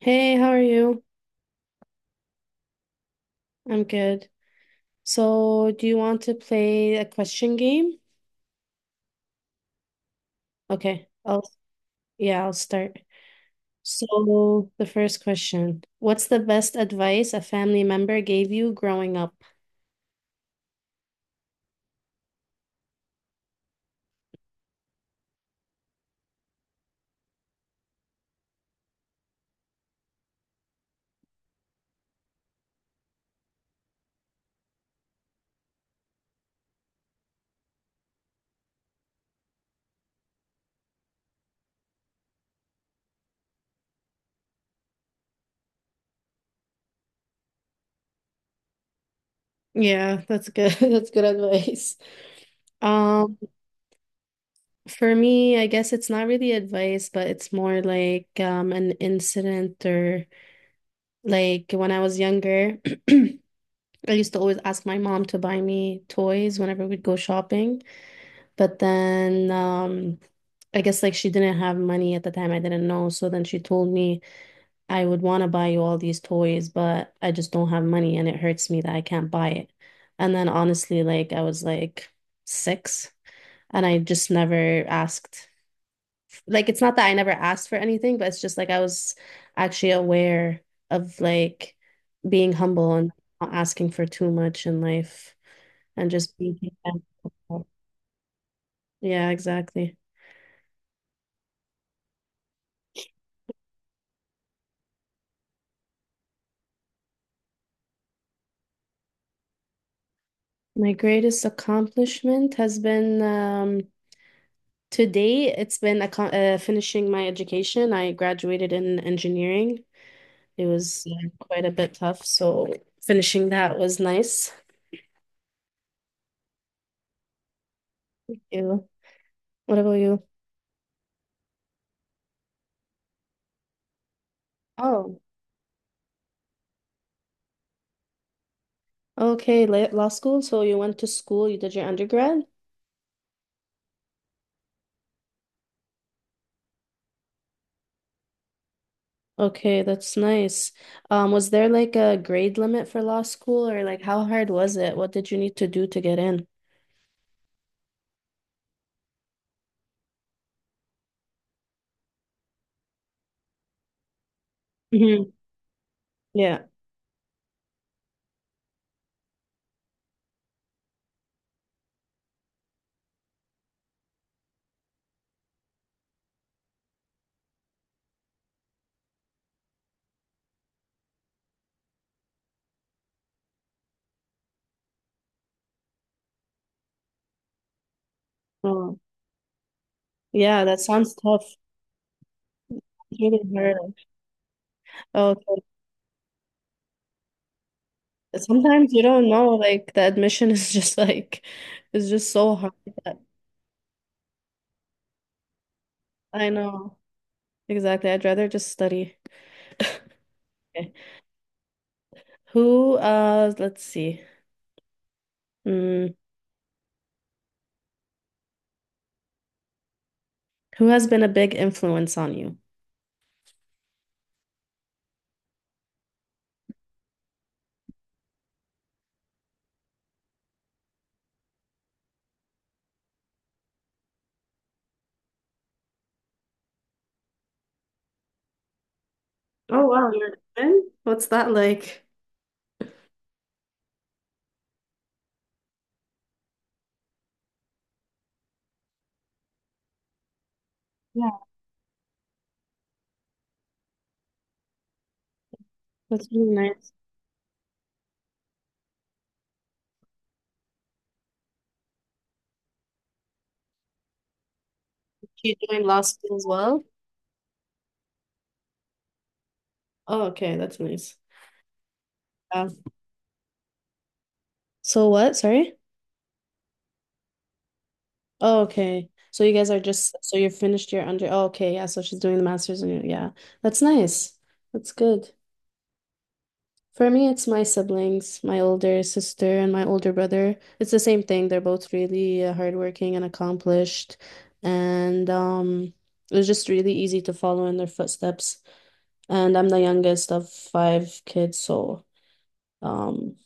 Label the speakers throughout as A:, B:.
A: Hey, how are you? I'm good. So, do you want to play a question game? Okay, I'll start. So, the first question. What's the best advice a family member gave you growing up? Yeah, that's good. That's good advice. Um, for me, I guess it's not really advice, but it's more like an incident or like when I was younger, I used to always ask my mom to buy me toys whenever we'd go shopping. But then, I guess like she didn't have money at the time. I didn't know. So then she told me, I would want to buy you all these toys, but I just don't have money and it hurts me that I can't buy it. And then honestly, like I was like six and I just never asked. Like it's not that I never asked for anything, but it's just like I was actually aware of like being humble and not asking for too much in life and just being. Yeah, exactly. My greatest accomplishment has been to it's been acco- finishing my education. I graduated in engineering. It was, yeah, quite a bit tough, so finishing that was nice. You, what about you? Oh, okay, law school. So you went to school, you did your undergrad? Okay, that's nice. Was there like a grade limit for law school, or like how hard was it? What did you need to do to get in? Hmm Yeah. Oh, yeah, that sounds tough. It's really hard. Oh, so sometimes you don't know, like the admission is just like it's just so hard. that- I know. Exactly. I'd rather just study. Okay. Who Let's see. Mm, who has been a big influence on you? Oh wow, you're in? What's that like? Yeah, that's really nice. She's doing law school as well. Oh, okay, that's nice. Yeah. so what? Sorry? Oh, okay. So you guys are just so you're finished your under. Oh, okay, yeah. So she's doing the master's and you yeah. That's nice. That's good. For me, it's my siblings, my older sister and my older brother. It's the same thing. They're both really hardworking and accomplished, and it was just really easy to follow in their footsteps. And I'm the youngest of five kids, so um,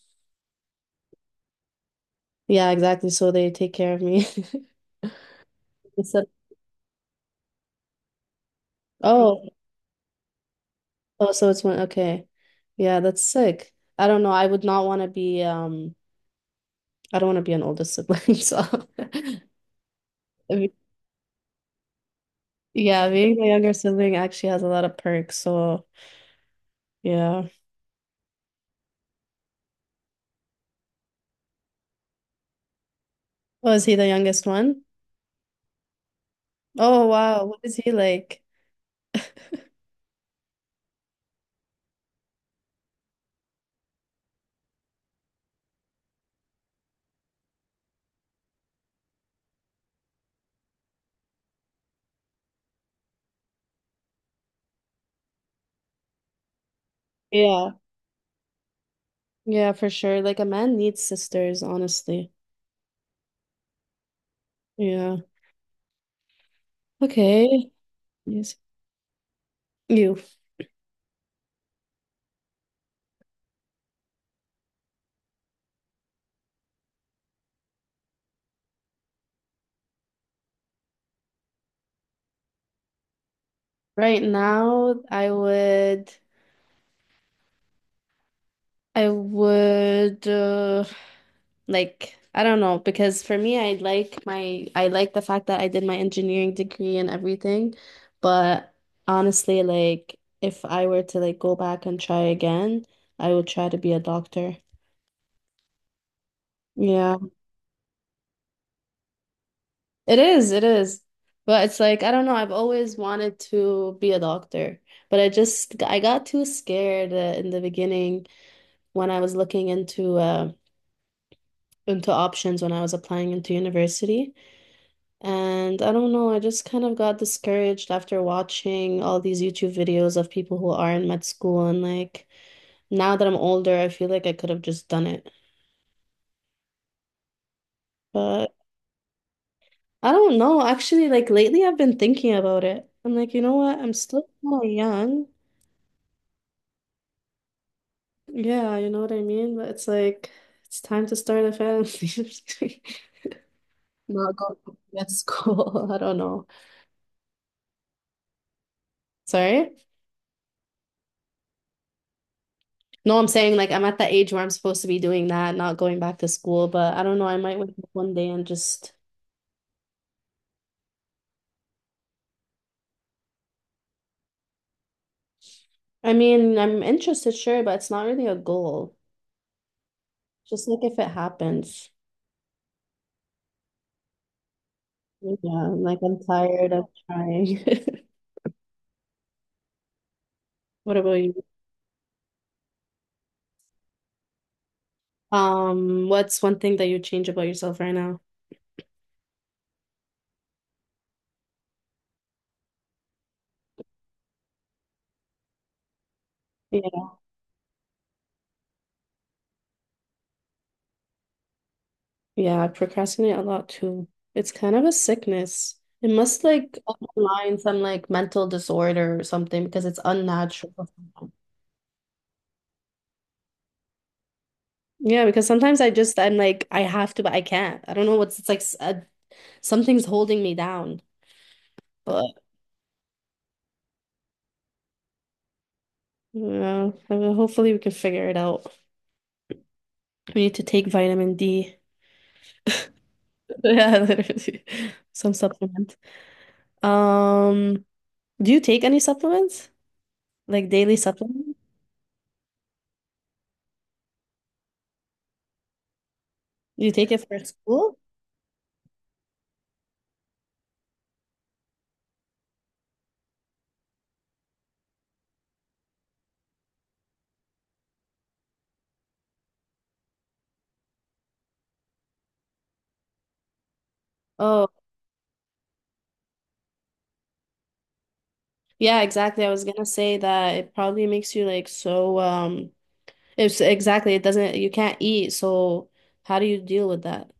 A: yeah, exactly. So they take care of me. Instead, of- oh, oh, so it's one. Okay, yeah, that's sick. I don't know. I would not want to be I don't want to be an oldest sibling, so. Yeah, being the younger sibling actually has a lot of perks. So, yeah. Oh, is he the youngest one? Oh, wow. What is he like? Yeah. Yeah, for sure. Like a man needs sisters, honestly. Yeah. Okay. Yes. You. Right now, I would like, I don't know, because for me, I like the fact that I did my engineering degree and everything, but honestly, like if I were to like go back and try again, I would try to be a doctor. Yeah, it is. But it's like, I don't know, I've always wanted to be a doctor, but I got too scared in the beginning when I was looking into into options when I was applying into university. And I don't know, I just kind of got discouraged after watching all these YouTube videos of people who are in med school. And like now that I'm older, I feel like I could have just done it. But I don't know. Actually, like lately, I've been thinking about it. I'm like, you know what? I'm still kind of young. Yeah, you know what I mean? But it's like, it's time to start a family. Not go to med school. I don't know. Sorry? No, I'm saying like I'm at the age where I'm supposed to be doing that, not going back to school, but I don't know, I might wake up one day and just I mean, I'm interested, sure, but it's not really a goal. Just like if it happens. Yeah, like I'm tired of trying. What about you? What's one thing that you change about yourself right now? Yeah. Yeah, I procrastinate a lot too. It's kind of a sickness. It must like underline some like mental disorder or something because it's unnatural. Yeah, because sometimes I'm like I have to, but I can't. I don't know what's it's like something's holding me down. But yeah, I mean, hopefully we can figure it out. We need to take vitamin D. Yeah, literally. Some supplement. Um, do you take any supplements? Like daily supplements? Do you take it for school? Oh, yeah, exactly. I was gonna say that it probably makes you like it's exactly it doesn't you can't eat, so how do you deal with that?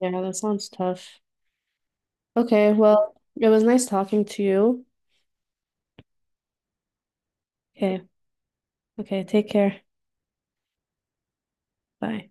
A: Yeah, that sounds tough. Okay, well, it was nice talking to you. Okay, okay, take care. Bye.